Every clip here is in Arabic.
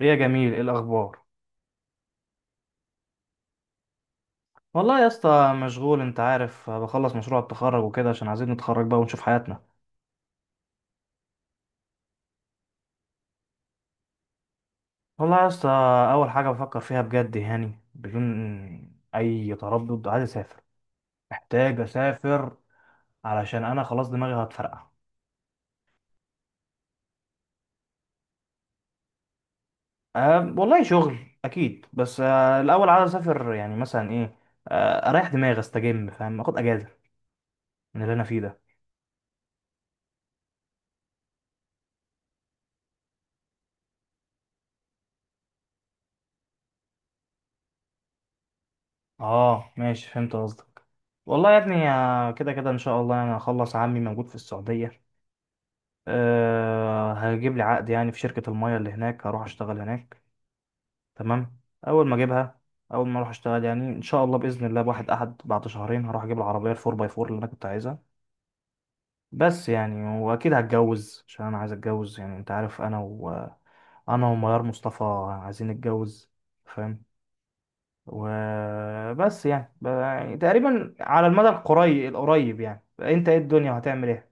يا جميل ايه الاخبار. والله يا اسطى مشغول، انت عارف بخلص مشروع التخرج وكده عشان عايزين نتخرج بقى ونشوف حياتنا. والله يا اسطى، اول حاجه بفكر فيها بجد، يعني بدون اي تردد، عايز اسافر. محتاج اسافر. علشان انا خلاص دماغي هتفرقع. أه والله شغل اكيد، بس أه الاول عايز اسافر يعني مثلا ايه، أه اريح دماغي استجم، فاهم، اخد اجازه من اللي انا فيه ده. اه ماشي فهمت قصدك. والله يا ابني، كده كده ان شاء الله انا هخلص، عمي موجود في السعوديه. أه هجيب لي عقد يعني في شركة المية اللي هناك، هروح أشتغل هناك. تمام. أول ما أجيبها، أول ما أروح أشتغل، يعني إن شاء الله بإذن الله بواحد أحد بعد شهرين هروح أجيب العربية الفور باي فور اللي أنا كنت عايزها. بس يعني وأكيد هتجوز عشان أنا عايز أتجوز، يعني أنت عارف أنا و أنا وميار مصطفى عايزين نتجوز، فاهم. وبس يعني يعني تقريبا على المدى القريب القريب، يعني أنت إيه الدنيا هتعمل إيه؟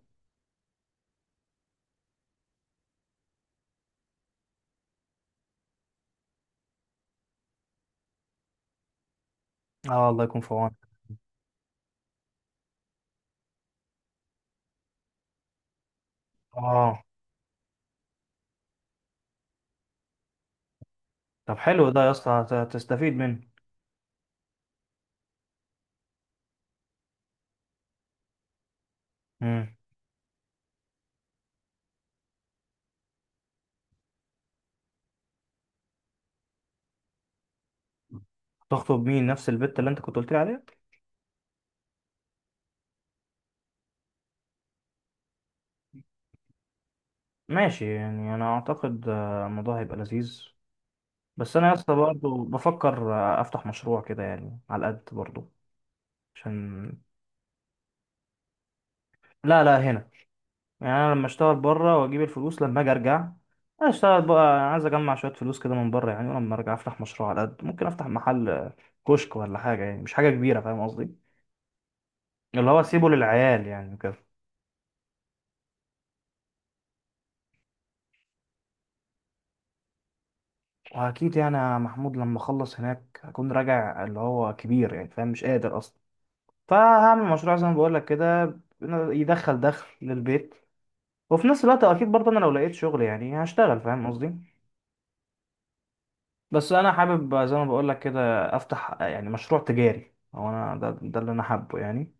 آه الله يكون في عونك. آه طب حلو ده يا اسطى هتستفيد منه. مم. تخطب مين، نفس البت اللي انت كنت قلت لي عليها؟ ماشي، يعني انا اعتقد الموضوع هيبقى لذيذ. بس انا يا اسطى برضه بفكر افتح مشروع كده يعني على قد برضه عشان. لا لا هنا. يعني انا لما اشتغل بره واجيب الفلوس، لما اجي ارجع اشتغل بقى. عايز اجمع شويه فلوس كده من بره يعني، ولما ارجع افتح مشروع على قد ممكن، افتح محل كشك ولا حاجه، يعني مش حاجه كبيره، فاهم قصدي. اللي هو اسيبه للعيال يعني وكده. واكيد يعني يا محمود لما اخلص هناك اكون راجع اللي هو كبير يعني، فاهم، مش قادر اصلا. فهعمل مشروع زي ما بقول لك كده يدخل دخل للبيت. وفي نفس الوقت اكيد برضه انا لو لقيت شغل يعني هشتغل، فاهم قصدي. بس انا حابب زي ما بقول لك كده افتح يعني مشروع تجاري، هو انا ده، ده اللي انا حابه يعني.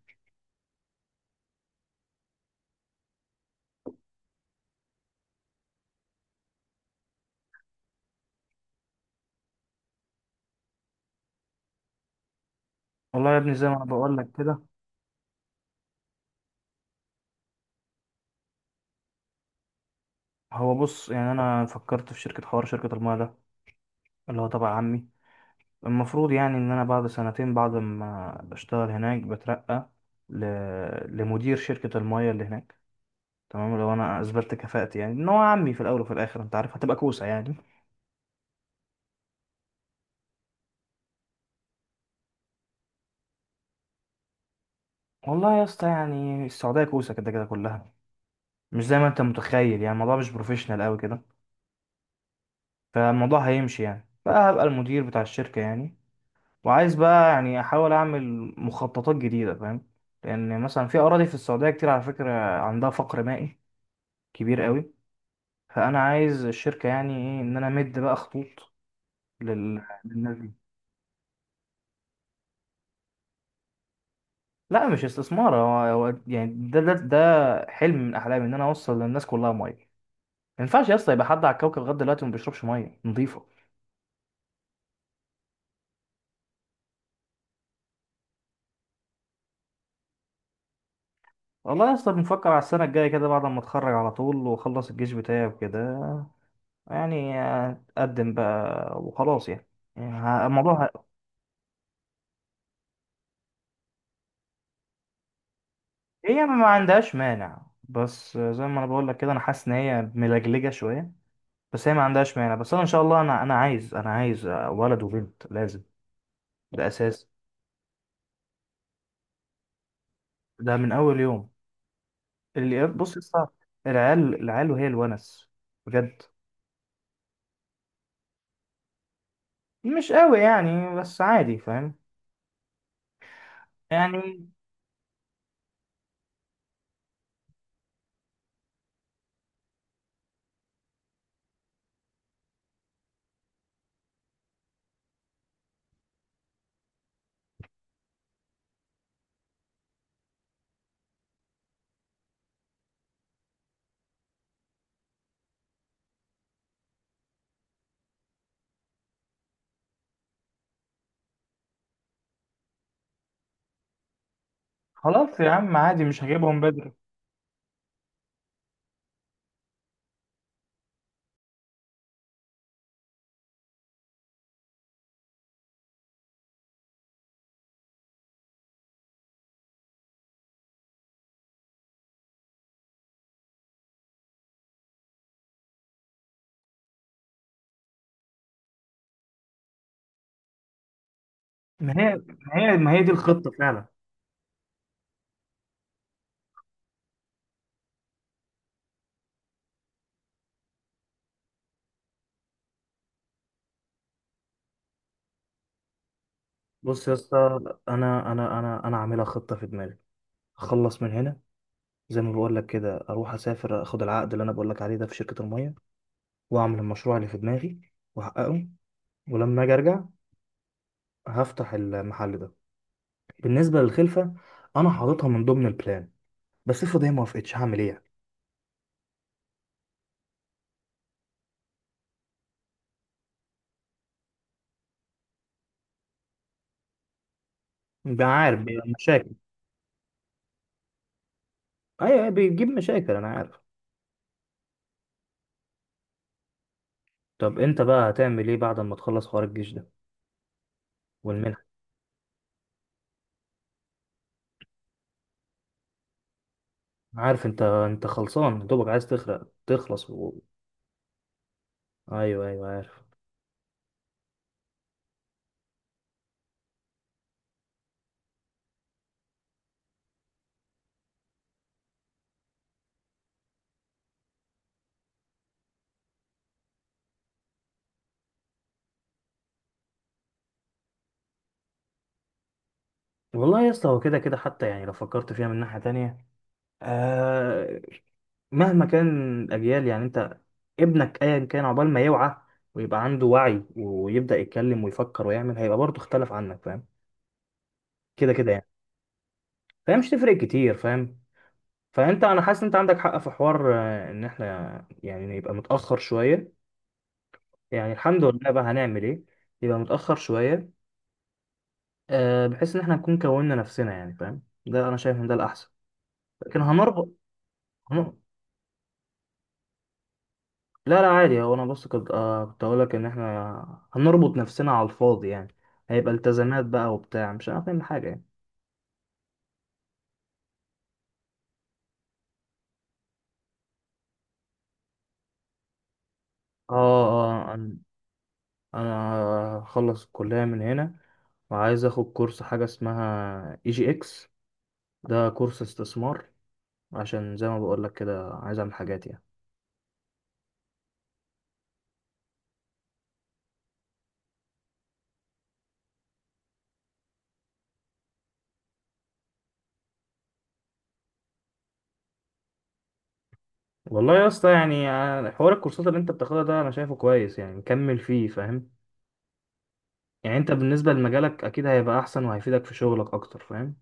والله يا ابني زي ما انا بقول لك كده، هو بص يعني انا فكرت في شركة حوار شركة الماء ده، اللي هو تبع عمي. المفروض يعني ان انا بعد سنتين بعد ما اشتغل هناك بترقى ل... لمدير شركة المايه اللي هناك. تمام، لو انا اثبتت كفاءتي، يعني ان هو عمي في الاول وفي الاخر انت عارف هتبقى كوسه يعني. والله يا اسطى يعني السعوديه كوسه كده كده كلها، مش زي ما انت متخيل، يعني الموضوع مش بروفيشنال قوي كده. فالموضوع هيمشي يعني، بقى هبقى المدير بتاع الشركه يعني. وعايز بقى يعني احاول اعمل مخططات جديده، فاهم. لان مثلا في اراضي في السعوديه كتير على فكره، عندها فقر مائي كبير قوي. فانا عايز الشركه يعني ايه، ان انا امد بقى خطوط للناس. لا مش استثمار، هو هو يعني ده ده حلم من احلامي، ان انا اوصل للناس كلها ميه. ما ينفعش يا اسطى يبقى حد على الكوكب لغايه دلوقتي ما بيشربش ميه نظيفه. والله يا اسطى بنفكر على السنه الجايه كده، بعد ما اتخرج على طول واخلص الجيش بتاعي وكده، يعني اتقدم بقى وخلاص يعني. يعني ه- الموضوع ه- هي ما عندهاش مانع، بس زي ما انا بقول لك كده انا حاسس ان هي ملجلجه شويه. بس هي ما عندهاش مانع، بس انا ان شاء الله انا عايز، انا عايز ولد وبنت لازم. ده اساس. ده من اول يوم. اللي بص لسه. العيال العيال وهي الونس، بجد. مش قوي يعني بس عادي، فاهم يعني. خلاص يا عم عادي، مش هجيبهم بدري. ما هي ما هي دي الخطة فعلا. بص يا اسطى، انا عاملها خطة في دماغي. اخلص من هنا، زي ما بقول لك كده اروح اسافر، اخد العقد اللي انا بقول لك عليه ده في شركة المية، واعمل المشروع اللي في دماغي واحققه. ولما اجي ارجع هفتح المحل ده. بالنسبة للخلفة، انا حاططها من ضمن البلان. بس افرض هي ما وافقتش هعمل ايه يعني؟ بقى عارف بيبقى مشاكل. ايوه بيجيب مشاكل انا عارف. طب انت بقى هتعمل ايه بعد ما تخلص حوار الجيش ده والمنح؟ أنا عارف، انت انت خلصان دوبك عايز تخلص و... ايوه ايوه عارف. والله يا اسطى هو كده كده حتى، يعني لو فكرت فيها من ناحية تانية، آه، مهما كان الاجيال يعني، انت ابنك ايا كان عقبال ما يوعى ويبقى عنده وعي ويبدأ يتكلم ويفكر ويعمل هيبقى برضه اختلف عنك، فاهم، كده كده يعني. فهي مش تفرق كتير، فاهم. فانت انا حاسس إن انت عندك حق في حوار ان احنا يعني نبقى متاخر شويه. يعني الحمد لله بقى هنعمل ايه، يبقى متاخر شويه، بحيث ان احنا نكون كوننا نفسنا يعني، فاهم، ده انا شايف ان ده الاحسن. لكن هنربط هن- لا لا عادي، هو انا بس كنت كنت اقول لك ان احنا هنربط نفسنا على الفاضي يعني، هيبقى التزامات بقى وبتاع، مش هنعمل حاجه يعني. اه اه انا، أنا هخلص الكليه من هنا، وعايز اخد كورس حاجه اسمها اي جي اكس، ده كورس استثمار، عشان زي ما بقول لك كده عايز اعمل حاجات يعني. والله يا اسطى يعني حوار الكورسات اللي انت بتاخدها ده انا شايفه كويس، يعني مكمل فيه، فاهم. يعني انت بالنسبه لمجالك اكيد هيبقى احسن وهيفيدك في شغلك اكتر، فاهم.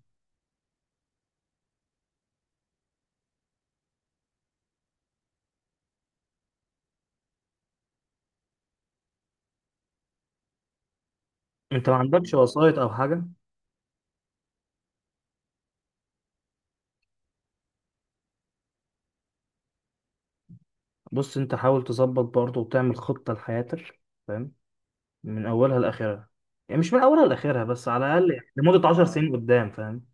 انت ما عندكش وسايط او حاجه؟ بص انت حاول تظبط برضه وتعمل خطه لحياتك، فاهم، من اولها لاخرها، يعني مش من اولها لاخرها بس، على الاقل يعني لمده 10 سنين قدام، فاهم.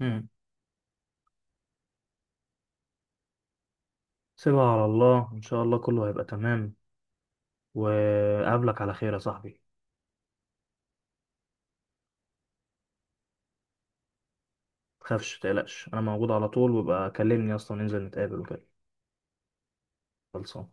مم. سيبها على الله، ان شاء الله كله هيبقى تمام. وقابلك على خير يا صاحبي. تخافش متقلقش انا موجود على طول، وبقى كلمني اصلا ننزل نتقابل وكده. خلصان.